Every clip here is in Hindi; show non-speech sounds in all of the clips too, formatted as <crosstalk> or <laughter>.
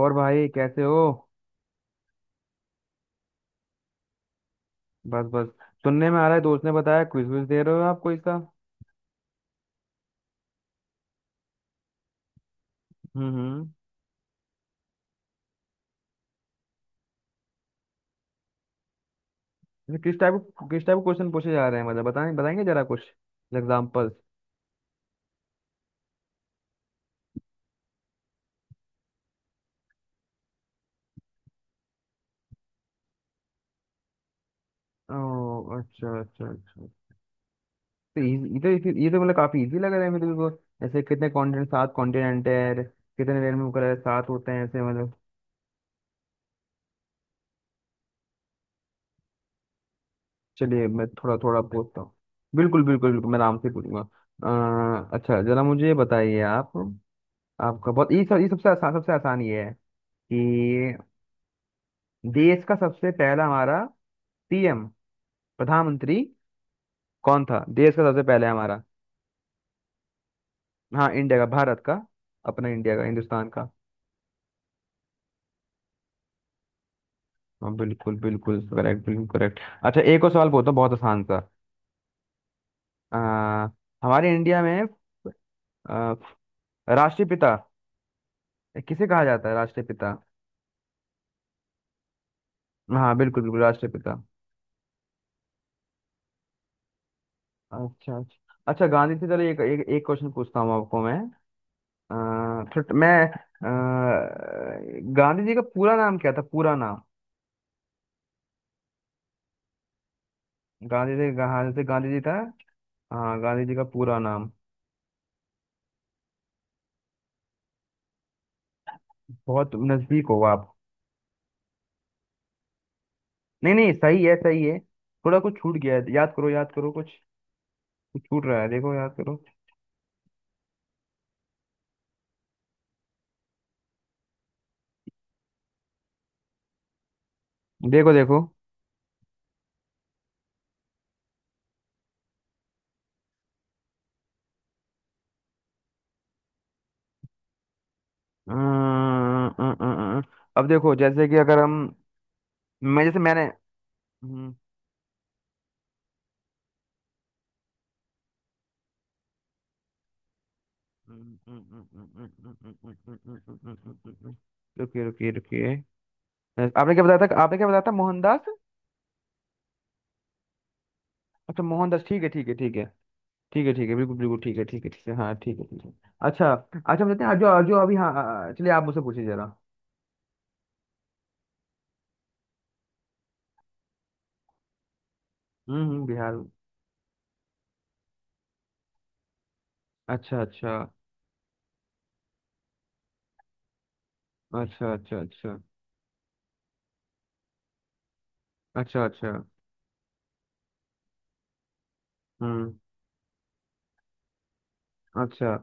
और भाई कैसे हो। बस बस। सुनने में आ रहा है, दोस्त ने बताया क्विज विज दे रहे हो आप कोई सा। हम्म हम्म ये किस टाइप, किस टाइप क्वेश्चन पूछे जा रहे हैं मतलब बताएं, बताएंगे जरा कुछ एग्जाम्पल्स। ओ, अच्छा अच्छा अच्छा। तो ये, ये तो मतलब काफी इजी लग रहा है मेरे को। ऐसे कितने कॉन्टिनेंट, सात कॉन्टिनेंट है, कितने रेनबो कलर है, सात होते हैं ऐसे मतलब। चलिए मैं थोड़ा थोड़ा पूछता हूँ। बिल्कुल बिल्कुल बिल्कुल, मैं आराम से पूछूंगा। अच्छा जरा मुझे ये बताइए आप। आपका बहुत ये सब, ये सबसे आसान ये है कि देश का सबसे पहला हमारा पीएम, प्रधानमंत्री कौन था, देश का सबसे पहले हमारा। हाँ, इंडिया का, भारत का, अपना इंडिया का, हिंदुस्तान का। हाँ, बिल्कुल बिल्कुल करेक्ट, बिल्कुल करेक्ट। अच्छा एक और सवाल बोलता हूँ, बहुत आसान सा। आ, हमारे इंडिया में आ, राष्ट्रपिता किसे कहा जाता है, राष्ट्रपिता। हाँ, बिल्कुल बिल्कुल, राष्ट्रपिता। अच्छा अच्छा। अच्छा, गांधी से चलो एक एक, एक क्वेश्चन पूछता हूँ आपको मैं। अ, छोट- मैं अ, गांधी जी का पूरा नाम क्या था, पूरा नाम। गांधी जी, हाँ, जैसे गांधी जी था। हाँ, गांधी जी का पूरा नाम। बहुत नजदीक हो आप। नहीं नहीं, सही है, सही है। थोड़ा कुछ छूट गया है, याद करो, याद करो कुछ। कुछ छूट रहा है देखो, याद करो। देखो देखो। अं, अं, अं, अं। अं। अब देखो, जैसे कि अगर हम मैं जैसे मैंने हम्म, हम्म, हम्म, हम्म, हम्म, हम्म, हम्म, हम्म, हम्म, हम्म, हम्म, हम्म, हम्म, हम्म, हम्म, हम्म। रुकिए रुकिए रुकिए। आपने क्या बताया था, मोहनदास। अच्छा, मोहनदास, ठीक है ठीक है ठीक है, ठीक है ठीक है बिल्कुल बिल्कुल, ठीक है ठीक है ठीक है, हाँ ठीक है ठीक है। अच्छा अच्छा, हम लेते हैं जो जो अभी, हाँ चलिए आप मुझसे पूछिए जरा। बिहार। अच्छा अच्छा अच्छा। अच्छा अच्छा अच्छा। अच्छा। हम्म। अच्छा।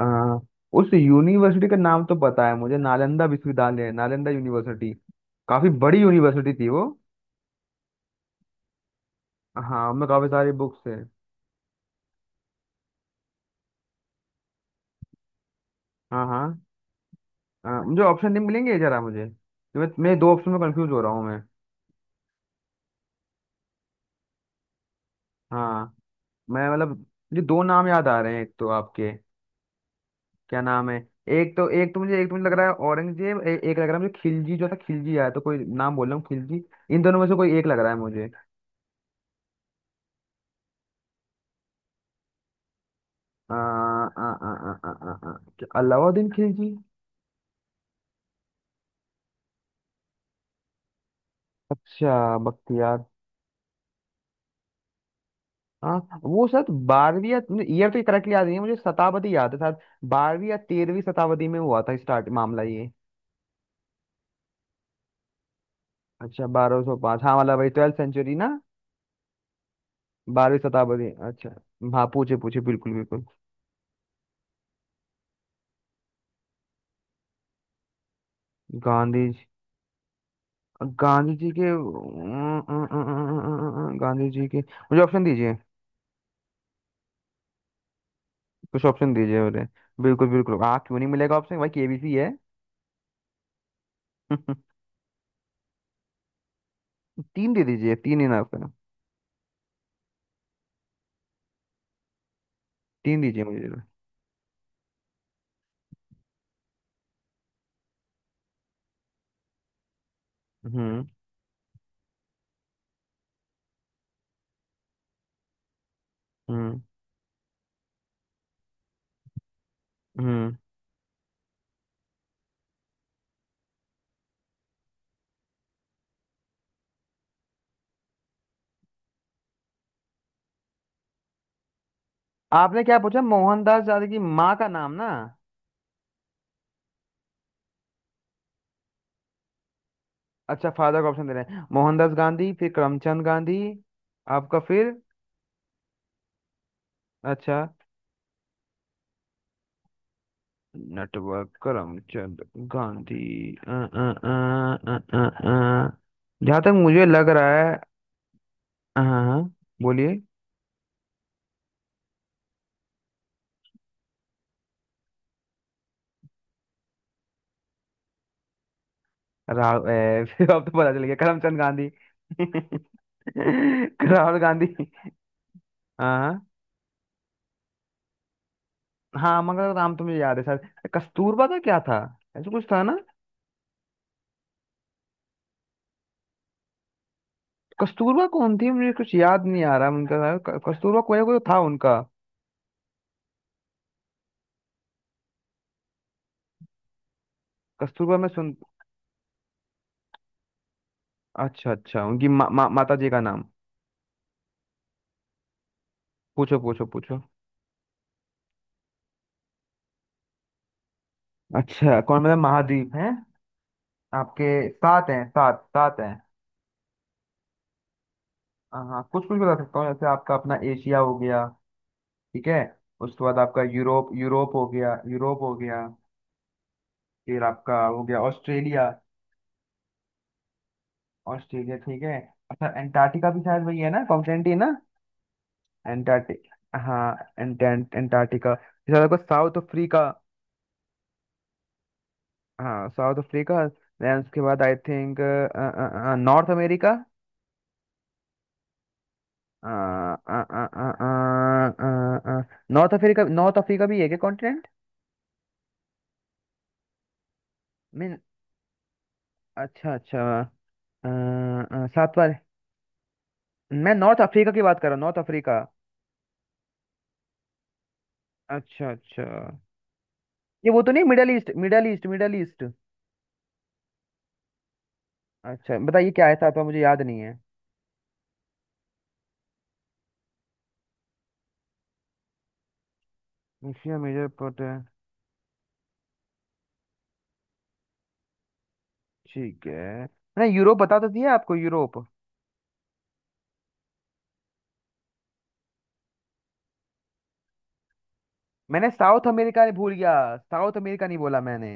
आ, उस यूनिवर्सिटी का नाम तो पता है मुझे, नालंदा विश्वविद्यालय, नालंदा यूनिवर्सिटी। काफी बड़ी यूनिवर्सिटी थी वो। हाँ, उनमें काफी सारी बुक्स है। हाँ हाँ, हाँ मुझे ऑप्शन नहीं मिलेंगे जरा मुझे तो, मैं दो ऑप्शन में कंफ्यूज हो रहा हूँ मैं। हाँ। मैं मतलब मुझे दो नाम याद आ रहे हैं, एक तो आपके क्या नाम है। एक तो मुझे लग रहा है औरंगजेब, एक लग रहा है मुझे खिलजी, जो था खिलजी आया, तो कोई नाम बोल रहा हूँ, खिलजी। इन दोनों में से कोई एक लग रहा है मुझे। आ, आ, आ, आ, आ, आ, आ, क्या अलाउद्दीन खिलजी। अच्छा बख्तियार। हाँ, वो शायद बारहवीं या ईयर तो करेक्टली याद नहीं है मुझे, शताब्दी याद है शायद। बारहवीं या तेरहवीं शताब्दी में हुआ था स्टार्ट मामला ये। अच्छा 1205, हाँ वाला भाई, ट्वेल्थ सेंचुरी ना। बारहवीं शताब्दी, अच्छा। हाँ पूछे पूछे बिल्कुल बिल्कुल। गांधी, गांधी जी के, गांधी जी के मुझे ऑप्शन दीजिए। कुछ ऑप्शन दीजिए मुझे। बिल्कुल बिल्कुल, हाँ क्यों नहीं मिलेगा ऑप्शन, भाई केबीसी है। <laughs> तीन दे दीजिए, तीन ही ना आपका। तीन दीजिए मुझे। हम्म। हम्म। हम्म। आपने क्या पूछा, मोहनदास गांधी की माँ का नाम ना। अच्छा, फादर का ऑप्शन दे रहे हैं, मोहनदास गांधी, फिर करमचंद गांधी। आपका फिर। अच्छा, नेटवर्क करमचंद गांधी। अ, अ, अ, जहाँ तक मुझे लग रहा है। हाँ हाँ, हाँ, बोलिए। राहुल, <laughs> फिर अब तो पता चल गया, करमचंद गांधी। <laughs> राहुल गांधी। हाँ हाँ, हाँ मंगल राम तो मुझे याद है सर, कस्तूरबा का क्या था, ऐसा कुछ था ना। कस्तूरबा कौन थी, मुझे कुछ याद नहीं आ रहा उनका नाम। कस्तूरबा कोई कोई था उनका। कस्तूरबा मैं सुन, अच्छा अच्छा उनकी मा, मा, माता जी का नाम। पूछो पूछो पूछो। अच्छा कौन मतलब, महाद्वीप है आपके, सात हैं, सात सात हैं। हाँ हाँ, कुछ कुछ बता सकता हूँ, जैसे आपका अपना एशिया हो गया, ठीक है, उसके बाद आपका यूरोप, यूरोप हो गया, यूरोप हो गया, फिर आपका हो गया ऑस्ट्रेलिया। ऑस्ट्रेलिया ठीक है। अच्छा एंटार्क्टिका भी शायद वही है ना, कॉन्टिनेंट ही है ना। एंटार्क्टिक, हाँ एंटेंट एंटार्क्टिका, फिर आपको साउथ अफ्रीका। हाँ साउथ अफ्रीका। देन उसके बाद I think, North America. North Africa, North Africa भी है क्या कॉन्टिनेंट। मीन, अच्छा अच्छा। सातवां। मैं नॉर्थ अफ्रीका की बात कर रहा हूँ, नॉर्थ अफ्रीका। अच्छा अच्छा। ये वो तो नहीं, Middle East, Middle East, Middle East. अच्छा बताइए, क्या ऐसा था मुझे याद नहीं है। एशिया मेजर पोर्ट है। ठीक है, मैंने यूरोप बता तो दिया आपको, यूरोप। मैंने साउथ अमेरिका ने भूल गया, साउथ अमेरिका नहीं बोला मैंने,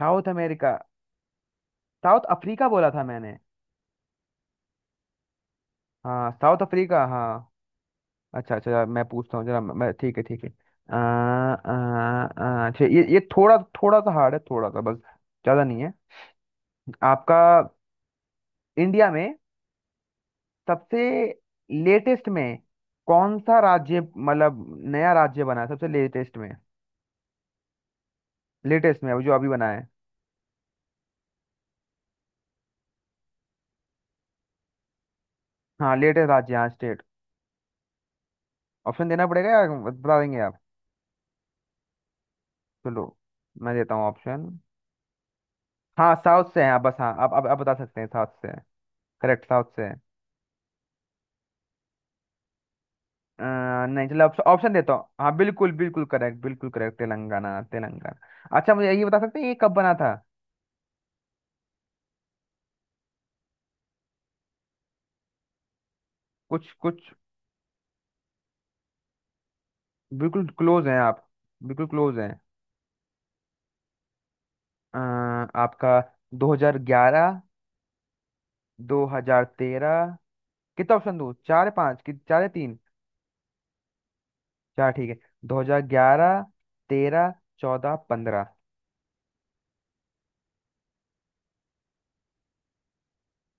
साउथ अमेरिका, साउथ अफ्रीका बोला था मैंने। हाँ साउथ अफ्रीका, हाँ। अच्छा अच्छा, जरा मैं पूछता हूँ जरा मैं, ठीक है ठीक है। आ, आ, आ, अच्छा ये थोड़ा, थोड़ा सा हार्ड है, थोड़ा सा बस, ज़्यादा नहीं है। आपका इंडिया में सबसे लेटेस्ट में कौन सा राज्य मतलब नया राज्य बना है सबसे लेटेस्ट में, लेटेस्ट में अभी जो अभी बना है। हाँ लेटेस्ट राज्य, हाँ स्टेट। ऑप्शन देना पड़ेगा या बता देंगे आप। चलो मैं देता हूँ ऑप्शन। हाँ साउथ से है आप बस, हाँ आप अब आप बता सकते हैं साउथ से। करेक्ट साउथ से है। अ, नहीं, चलो ऑप्शन ऑप्शन देता हूँ। हाँ बिल्कुल बिल्कुल करेक्ट, बिल्कुल करेक्ट, तेलंगाना तेलंगाना। अच्छा मुझे ये बता सकते हैं, ये कब बना था। कुछ कुछ बिल्कुल क्लोज हैं आप, बिल्कुल क्लोज हैं। अ, आपका 2011, 2013। कितना ऑप्शन दूँ चार या पाँच, कि चार या तीन। चार ठीक है। 2011, 13, 14, 15।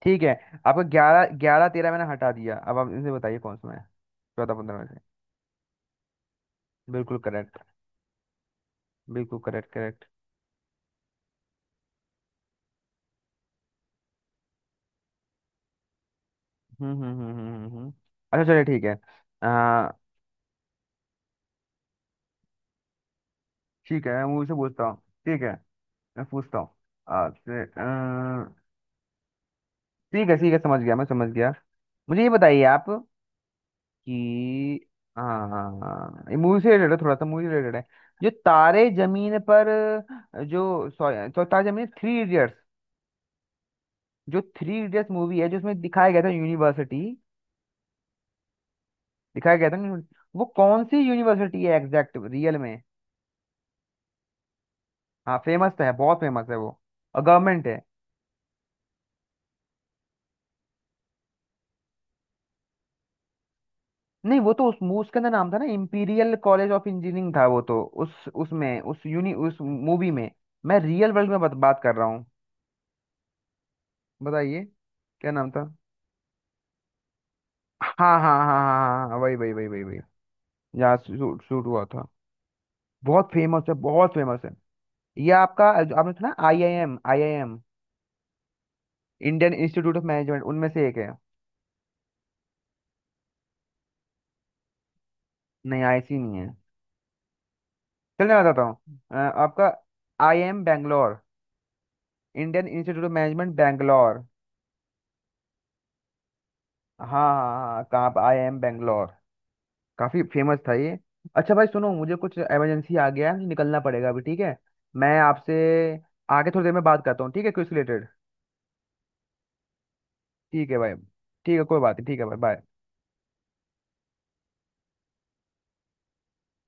ठीक है आपका 11, 11, 13 मैंने हटा दिया, अब आप इनसे बताइए कौन सा है, चौदह पंद्रह में से। बिल्कुल करेक्ट, बिल्कुल करेक्ट, करेक्ट। हम्म हम्म हम्म हम्म हम्म, हम्म। अच्छा चलिए ठीक है। अ, ठीक है मैं मुझसे पूछता हूँ, ठीक है मैं पूछता हूँ आपसे। ठीक है ठीक है, समझ गया, मैं समझ गया। मुझे ये बताइए आप कि, हाँ हाँ, हाँ, ये मूवी से रिलेटेड है, थोड़ा सा मूवी रिलेटेड है। जो तारे जमीन पर, जो सॉरी, तो तारे जमीन, थ्री इडियट्स, जो थ्री इडियट्स मूवी है जिसमें दिखाया गया था यूनिवर्सिटी, दिखाया गया था ना, वो कौन सी यूनिवर्सिटी है एग्जैक्ट रियल में। हाँ फेमस तो है, बहुत फेमस है वो, और गवर्नमेंट है। नहीं, वो तो उस मूवी के अंदर नाम था ना, इम्पीरियल कॉलेज ऑफ इंजीनियरिंग था वो तो, उस उसमें उस यूनि उस मूवी में। मैं रियल वर्ल्ड में बात बात कर रहा हूँ, बताइए, क्या नाम था। हाँ हाँ हाँ हाँ हाँ, हाँ वही वही वही वही वही, यहाँ शूट शूट हुआ था। बहुत फेमस है, बहुत फेमस है। ये आपका जो आपने सुना, IIM, IIM, Indian Institute of Management, उनमें से एक है। नहीं आईसी नहीं है। चलिए मैं बताता हूँ। आपका IIM Bangalore, Indian Institute of Management Bangalore. हाँ हाँ हाँ, कहाँ पर, IIM बैंगलोर, काफी फेमस था ये। अच्छा भाई सुनो, मुझे कुछ इमरजेंसी आ गया है, मुझे निकलना पड़ेगा अभी, ठीक है, मैं आपसे आगे थोड़ी देर में बात करता हूँ, ठीक है, क्विज रिलेटेड। ठीक है भाई, ठीक है कोई बात नहीं, ठीक है भाई बाय।